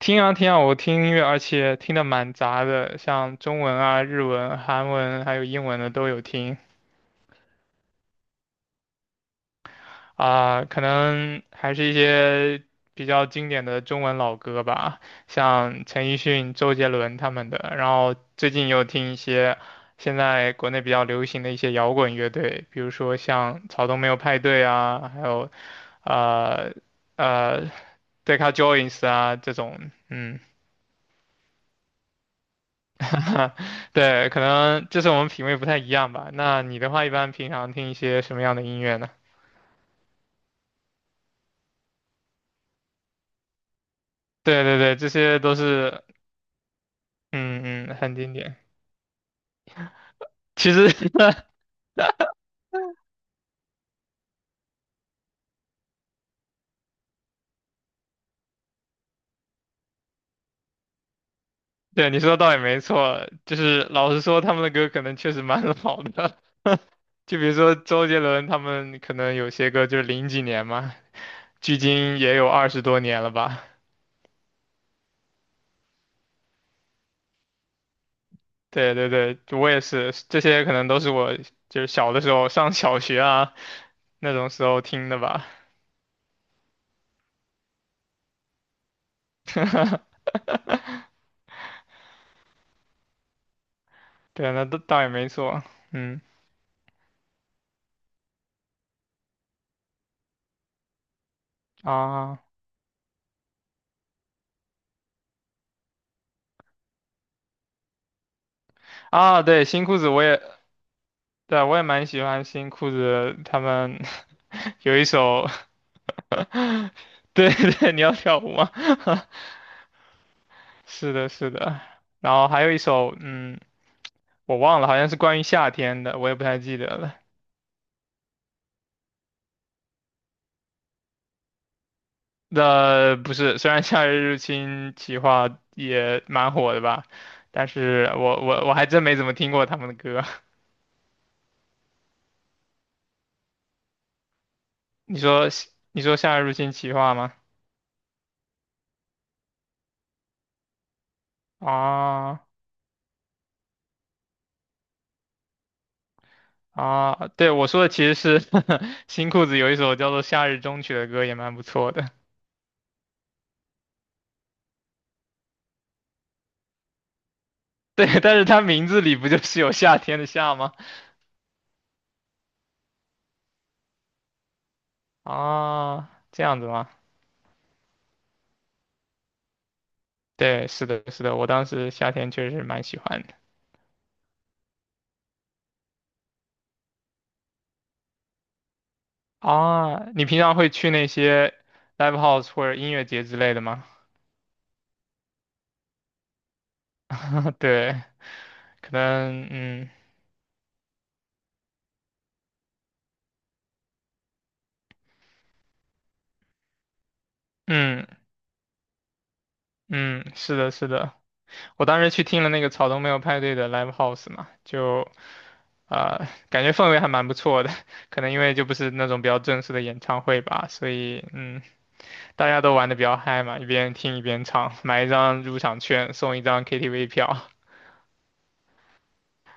听啊听啊，我听音乐，而且听的蛮杂的，像中文啊、日文、韩文还有英文的都有听啊，可能还是一些比较经典的中文老歌吧，像陈奕迅、周杰伦他们的。然后最近又听一些现在国内比较流行的一些摇滚乐队，比如说像草东没有派对啊，还有呃呃 Deca Joins 啊这种，嗯。对，可能就是我们品味不太一样吧。那你的话，一般平常听一些什么样的音乐呢？对对对，这些都是，嗯嗯，很经典。其实，对你说的倒也没错，就是老实说，他们的歌可能确实蛮 老的。就比如说周杰伦，他们可能有些歌就是零几年嘛，距今也有20多年了吧。对对对，我也是，这些可能都是我就是小的时候上小学啊那种时候听的吧。对啊那倒也没错，嗯啊啊，对，新裤子我也对啊我也蛮喜欢新裤子的，他们 有一首 对对，你要跳舞吗？是的，是的，然后还有一首，嗯，我忘了，好像是关于夏天的，我也不太记得了。那不是，虽然夏日入侵企划也蛮火的吧，但是我还真没怎么听过他们的歌。你说你说夏日入侵企划吗？啊。啊，对，我说的其实是 新裤子有一首叫做《夏日终曲》的歌，也蛮不错的。对，但是它名字里不就是有夏天的夏吗？啊，这样子吗？对，是的，是的，我当时夏天确实是蛮喜欢的。啊，你平常会去那些 live house 或者音乐节之类的吗？对，可能，嗯嗯嗯，是的，是的。我当时去听了那个草东没有派对的 live house 嘛，就啊、感觉氛围还蛮不错的，可能因为就不是那种比较正式的演唱会吧，所以大家都玩的比较嗨嘛，一边听一边唱，买一张入场券送一张 KTV 票。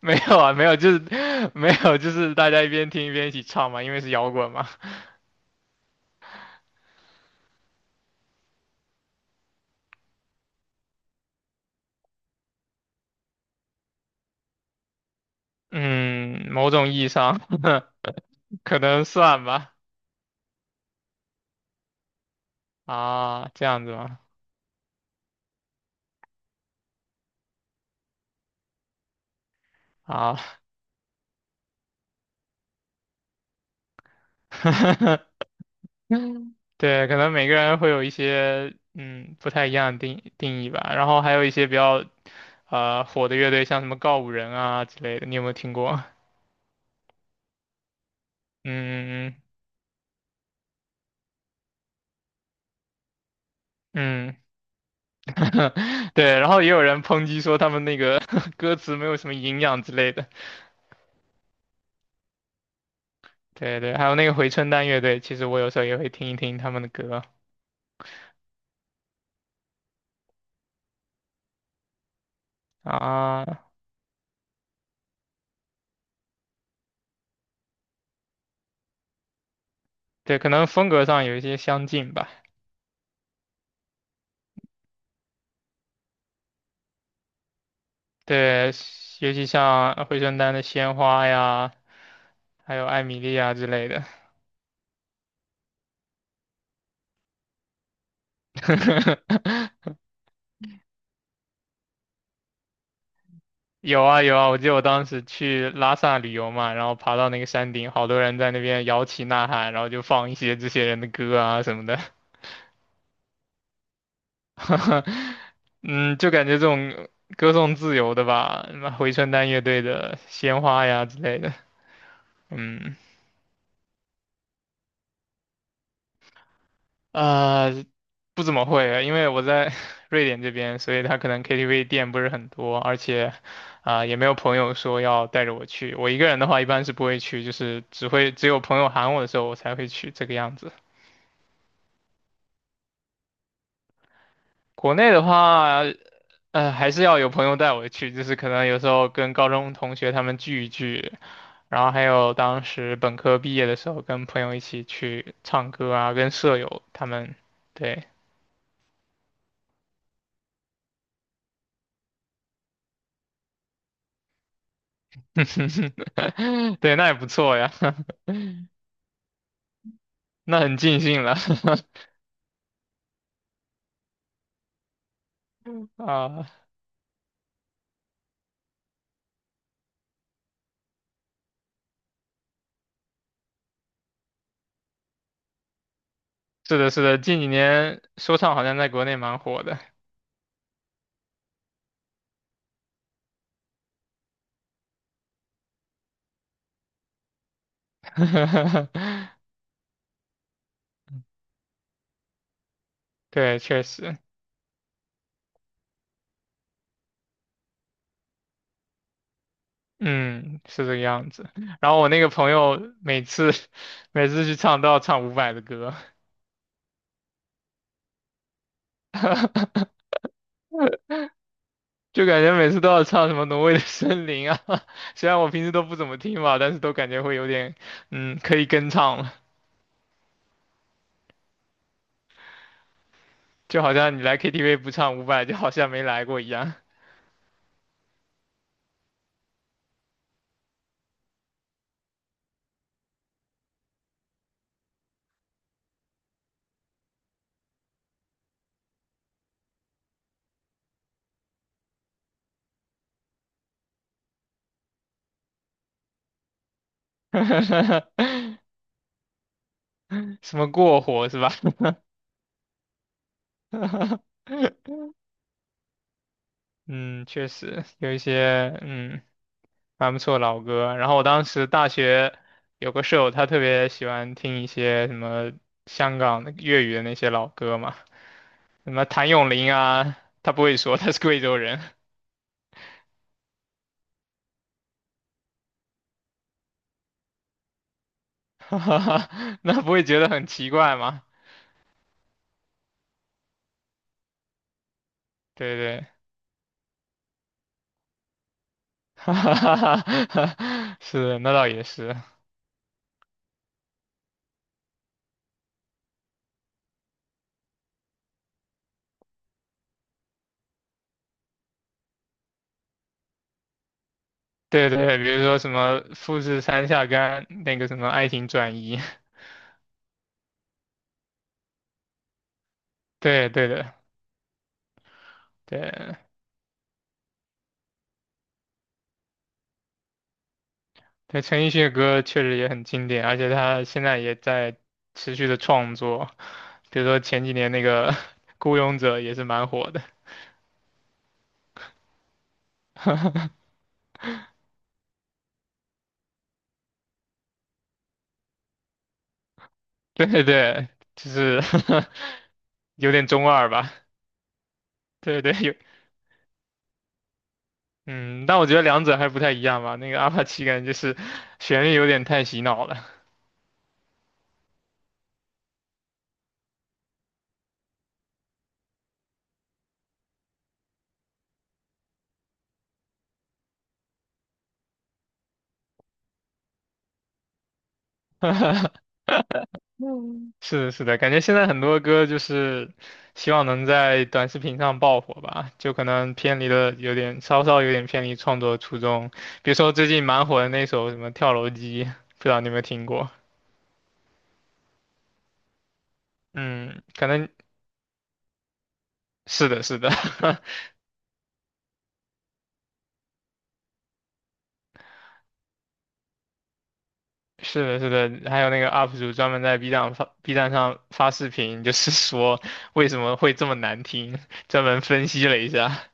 没有啊，没有，就是 没有，就是大家一边听一边一起唱嘛，因为是摇滚嘛。嗯，某种意义上 可能算吧。啊，这样子吗？啊，嗯，对，可能每个人会有一些不太一样的定义吧。然后还有一些比较火的乐队，像什么告五人啊之类的，你有没有听过？嗯嗯，对。然后也有人抨击说他们那个 歌词没有什么营养之类的。对对，还有那个回春丹乐队，其实我有时候也会听一听他们的歌啊。对，可能风格上有一些相近吧。对，尤其像回春丹的鲜花呀，还有艾米莉啊之类的。有啊有啊，我记得我当时去拉萨旅游嘛，然后爬到那个山顶，好多人在那边摇旗呐喊，然后就放一些这些人的歌啊什么的。嗯，就感觉这种歌颂自由的吧，什么回春丹乐队的《鲜花》呀之类的。嗯。呃，不怎么会，因为我在 瑞典这边，所以他可能 KTV 店不是很多，而且，啊、也没有朋友说要带着我去。我一个人的话，一般是不会去，就是只有朋友喊我的时候，我才会去这个样子。国内的话，还是要有朋友带我去，就是可能有时候跟高中同学他们聚一聚，然后还有当时本科毕业的时候，跟朋友一起去唱歌啊，跟舍友他们，对，对，那也不错呀。那很尽兴了 啊！是的，是的，近几年说唱好像在国内蛮火的，对，确实，嗯，是这个样子。然后我那个朋友每次 每次去唱都要唱伍佰的歌，就感觉每次都要唱什么《挪威的森林》啊，虽然我平时都不怎么听吧，但是都感觉会有点，可以跟唱了，就好像你来 KTV 不唱伍佰，就好像没来过一样。什么过火是吧？嗯，确实有一些蛮不错的老歌。然后我当时大学有个舍友，他特别喜欢听一些什么香港的粤语的那些老歌嘛，什么谭咏麟啊，他不会说他是贵州人，哈哈哈那不会觉得很奇怪吗？对对，哈哈哈哈哈是，那倒也是。对对，比如说什么富士山下干那个什么爱情转移，对对的，对，对，陈奕迅的歌确实也很经典，而且他现在也在持续的创作，比如说前几年那个《<laughs> 孤勇者》也是蛮火的。对对对，就是 有点中二吧？对对，有，嗯，但我觉得两者还不太一样吧。那个阿帕奇感觉就是旋律有点太洗脑了。是的，是的，感觉现在很多歌就是希望能在短视频上爆火吧，就可能偏离了有点，稍稍有点偏离创作初衷。比如说最近蛮火的那首什么《跳楼机》，不知道你有没有听过？嗯，可能是的，是的，是的，是的。还有那个 UP 主专门在 B 站上发视频，就是说为什么会这么难听，专门分析了一下，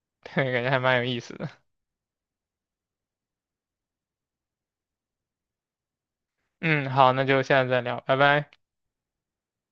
对感觉还蛮有意思的。嗯，好，那就现在再聊，拜拜。